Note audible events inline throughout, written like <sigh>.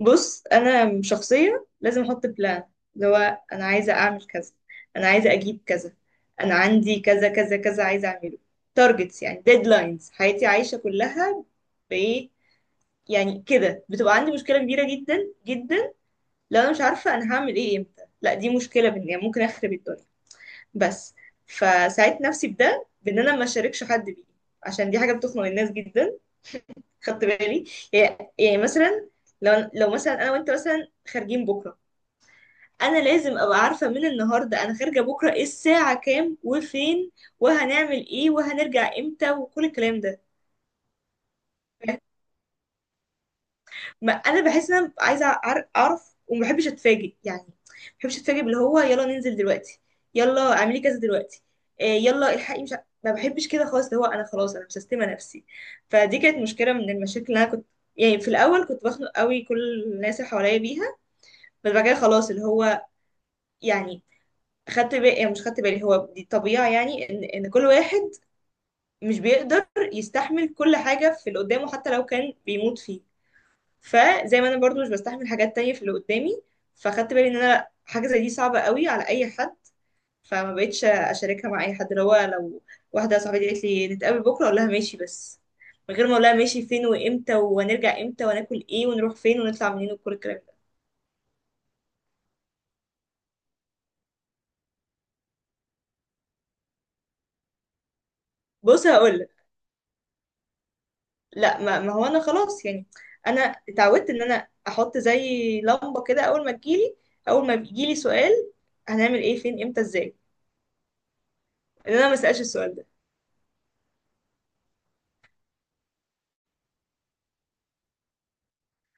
بص، انا شخصيه لازم احط بلان. اللي هو انا عايزه اعمل كذا، انا عايزه اجيب كذا، انا عندي كذا كذا كذا عايزه اعمله. تارجتس، يعني ديدلاينز. حياتي عايشه كلها بايه؟ يعني كده بتبقى عندي مشكله كبيره جدا جدا لو انا مش عارفه انا هعمل ايه امتى. لا دي مشكله، بان يعني ممكن اخرب الدنيا. بس. فساعدت نفسي بده، بان انا ما اشاركش حد بيه، عشان دي حاجه بتخنق الناس جدا. خدت بالي. يعني مثلا، لو مثلا انا وانت مثلا خارجين بكره، انا لازم ابقى عارفه من النهارده انا خارجه بكره ايه الساعه كام وفين، وهنعمل ايه وهنرجع امتى وكل الكلام ده. ما انا بحس ان انا عايزه اعرف، وما بحبش اتفاجئ يعني. ما بحبش اتفاجئ باللي هو يلا ننزل دلوقتي، يلا اعملي كذا دلوقتي، آه، يلا الحقي. مش ع- ما بحبش كده خالص، اللي هو انا خلاص انا مستسلمه نفسي. فدي كانت مشكله من المشاكل اللي انا كنت يعني. في الاول كنت بخنق قوي كل الناس اللي حواليا بيها. بس بعد كده خلاص، اللي هو يعني، خدت بالي. يعني مش خدت بالي، هو دي طبيعة يعني ان كل واحد مش بيقدر يستحمل كل حاجة في اللي قدامه، حتى لو كان بيموت فيه. فزي ما انا برضو مش بستحمل حاجات تانية في اللي قدامي، فخدت بالي ان انا حاجة زي دي صعبة قوي على اي حد. فما بقتش اشاركها مع اي حد. اللي هو لو واحدة صاحبتي قالت لي نتقابل بكرة، اقول لها ماشي بس، من غير ما اقول لها ماشي فين وامتى وهنرجع امتى وناكل ايه ونروح فين ونطلع منين وكل الكلام ده. بص هقول، لا ما هو انا خلاص يعني. انا اتعودت ان انا احط زي لمبه كده، اول ما تجيلي، اول ما بيجيلي سؤال هنعمل ايه فين امتى ازاي، ان انا ما اسالش السؤال ده.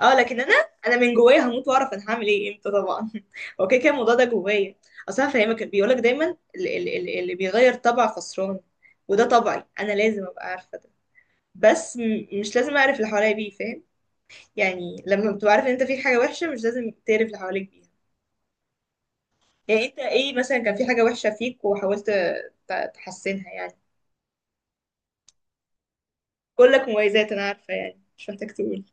اه لكن انا من جوايا هموت واعرف انا هعمل ايه امتى طبعا <laughs> هو كده كده الموضوع ده جوايا. اصل انا فاهمك. بيقولك دايما اللي بيغير طبع خسران. وده طبعي، انا لازم ابقى عارفه ده. بس مش لازم اعرف اللي حواليا بيه، فاهم؟ يعني لما بتبقى عارف ان انت فيك حاجه وحشه مش لازم تعرف اللي حواليك بيه. يعني انت ايه مثلا كان في حاجة وحشة فيك وحاولت تحسنها يعني؟ كلك مميزات انا عارفة يعني، مش محتاج تقول.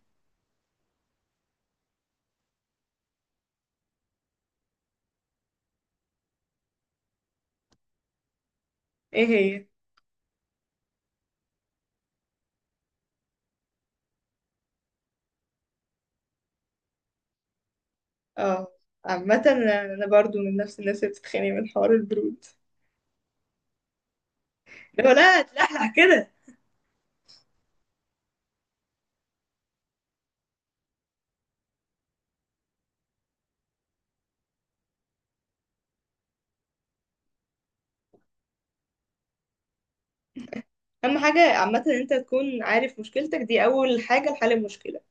ايه هي؟ اه. عامة انا برضو من نفس الناس اللي بتتخانق من حوار البرود. لو لا تلحلح كده. اهم حاجة عامة ان انت تكون عارف مشكلتك دي، اول حاجة لحل المشكلة.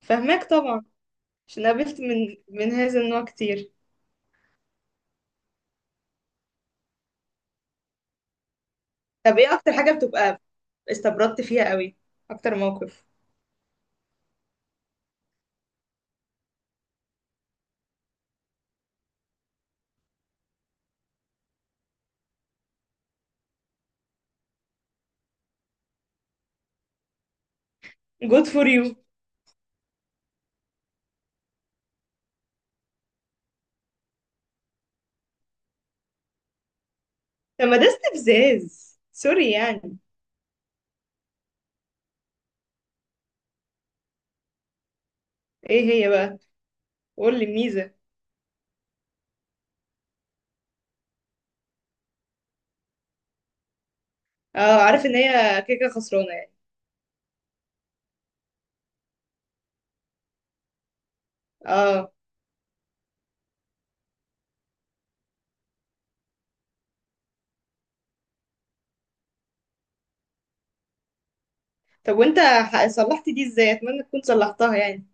فهماك طبعا، عشان قابلت من هذا النوع كتير. طب ايه اكتر حاجة بتبقى استبردت فيها قوي، اكتر موقف؟ good for you. طب ما ده استفزاز، سوري يعني. ايه هي بقى؟ قول لي الميزة. اه، عارف ان هي كده كده خسرانة يعني. اه. طب وانت صلحت دي ازاي؟ اتمنى تكون صلحتها يعني.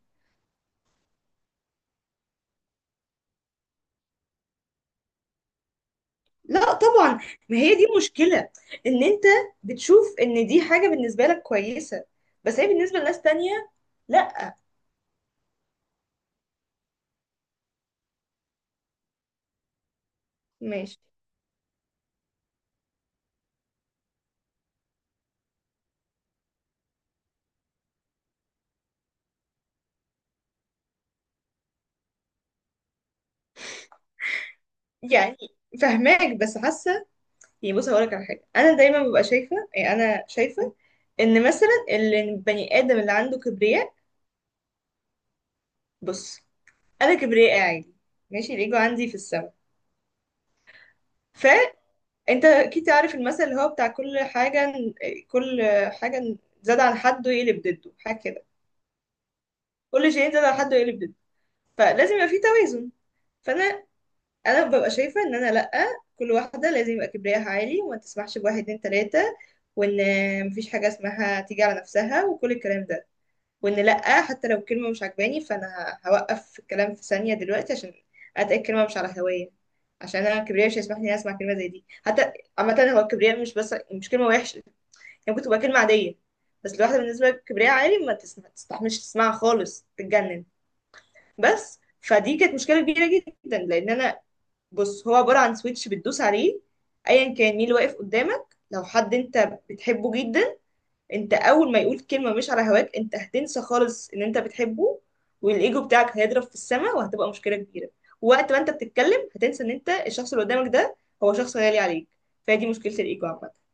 لا طبعا. ما هي دي مشكلة، ان انت بتشوف ان دي حاجة بالنسبة لك كويسة، بس هي بالنسبة لناس تانية لا. ماشي يعني. فهماك بس حاسة يعني. بص هقولك على حاجة. انا دايما ببقى شايفة، يعني انا شايفة ان مثلا البني ادم اللي عنده كبرياء، بص. انا كبرياء عادي، ماشي، الايجو عندي في السماء. انت اكيد عارف المثل اللي هو بتاع كل حاجة. كل حاجة زاد عن حده يقلب ضده، حاجة كده. كل شيء زاد عن حده يقلب ضده. فلازم يبقى في توازن. فانا ببقى شايفة ان انا لأ. كل واحدة لازم يبقى كبرياءها عالي، وما تسمحش بواحد اتنين تلاتة، وان مفيش حاجة اسمها تيجي على نفسها وكل الكلام ده. وان لأ، حتى لو كلمة مش عجباني فانا هوقف في الكلام في ثانية دلوقتي، عشان اتأكد كلمة مش على هواية. عشان انا كبرياء مش هيسمح لي اسمع كلمة زي دي حتى. عامة هو الكبرياء مش بس مش كلمة وحشة، يعني ممكن تبقى كلمة عادية، بس لواحدة بالنسبة لكبرياء عالي ما تسمع تستحملش، تسمعها خالص تتجنن. بس فدي كانت مشكلة كبيرة جدا لأن أنا، بص، هو عبارة عن سويتش بتدوس عليه. أيا كان مين اللي واقف قدامك، لو حد أنت بتحبه جدا، أنت أول ما يقول كلمة مش على هواك أنت هتنسى خالص إن أنت بتحبه، والإيجو بتاعك هيضرب في السماء، وهتبقى مشكلة كبيرة. ووقت ما أنت بتتكلم هتنسى إن أنت، الشخص اللي قدامك ده هو شخص غالي عليك. فهي دي مشكلة الإيجو عامة.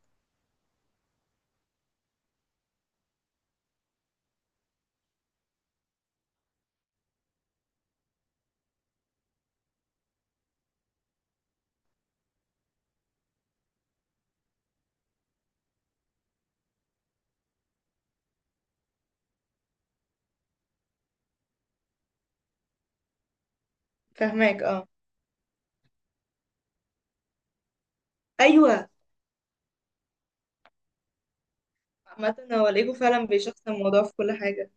فاهماك اه، ايوه. عامة هو ليجو فعلا بيشخصن الموضوع في كل حاجة.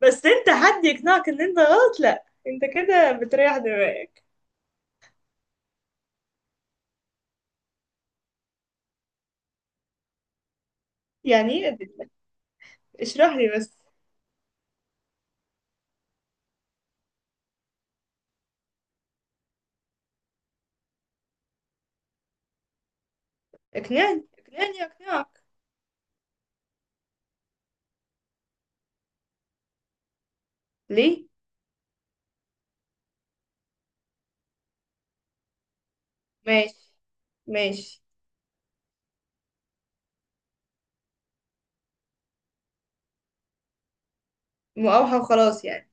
بس انت حد يقنعك ان انت غلط لا، انت كده بتريح دماغك. يعني ايه ادلك؟ اشرح لي بس. اقنعني اقنعني اقنعك ليه. ماشي، ماشي. مقاوحة وخلاص يعني.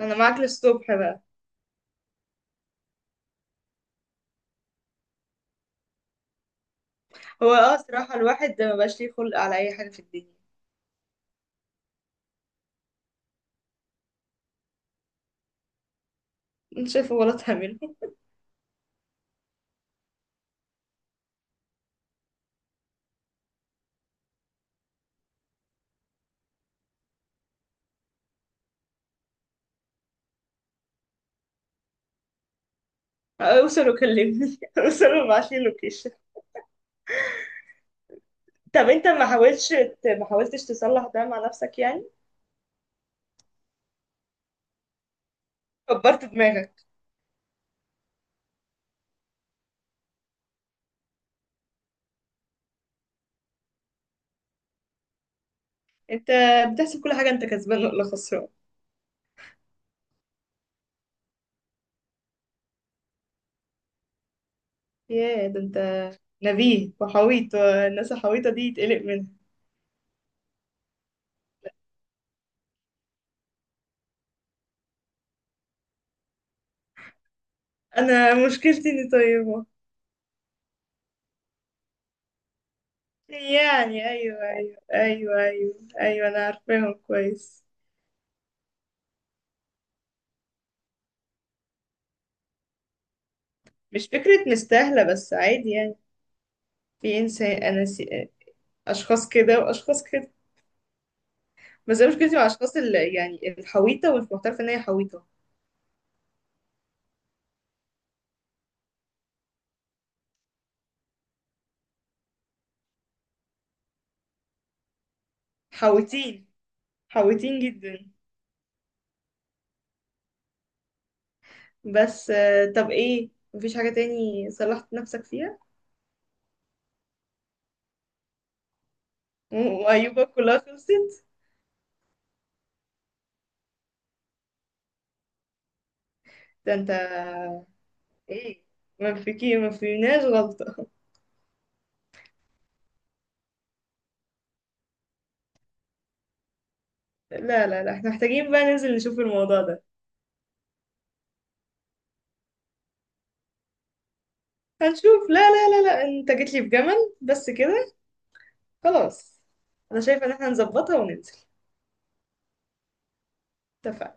انا معاك للصبح بقى. هو اه، صراحة الواحد ده مبقاش ليه خلق على اي حاجة في الدنيا. انت شايفه غلط هعمله. اوصل وكلمني <laughs> اوصل وابعتلي اللوكيشن. طب انت ما حاولتش تصلح ده مع نفسك يعني؟ كبرت دماغك. انت بتحسب كل حاجة انت كسبان ولا خسران؟ ياه، ده انت نبيه وحويط، والناس الحويطة دي يتقلق منها. انا مشكلتي اني طيبة. يعني ايوه ايوه ايوه ايوه ايوه، انا عارفاهم كويس. مش فكرة مستاهلة بس عادي يعني. في انسان اشخاص كده واشخاص كده. بس انا مشكلتي مع اشخاص اللي يعني الحويطة ومش معترفة ان هي حويطة. حويتين، حويتين جدا. بس طب ايه، مفيش حاجة تاني صلحت نفسك فيها؟ وأيوبك كلها خلصت. ده انت، ايه؟ ما فيناش غلطة. لا لا لا، احنا محتاجين بقى ننزل نشوف الموضوع ده. هنشوف. لا لا لا لا، انت جيت لي بجمل بس كده. خلاص. انا شايفة ان احنا نظبطها وننزل. اتفقنا.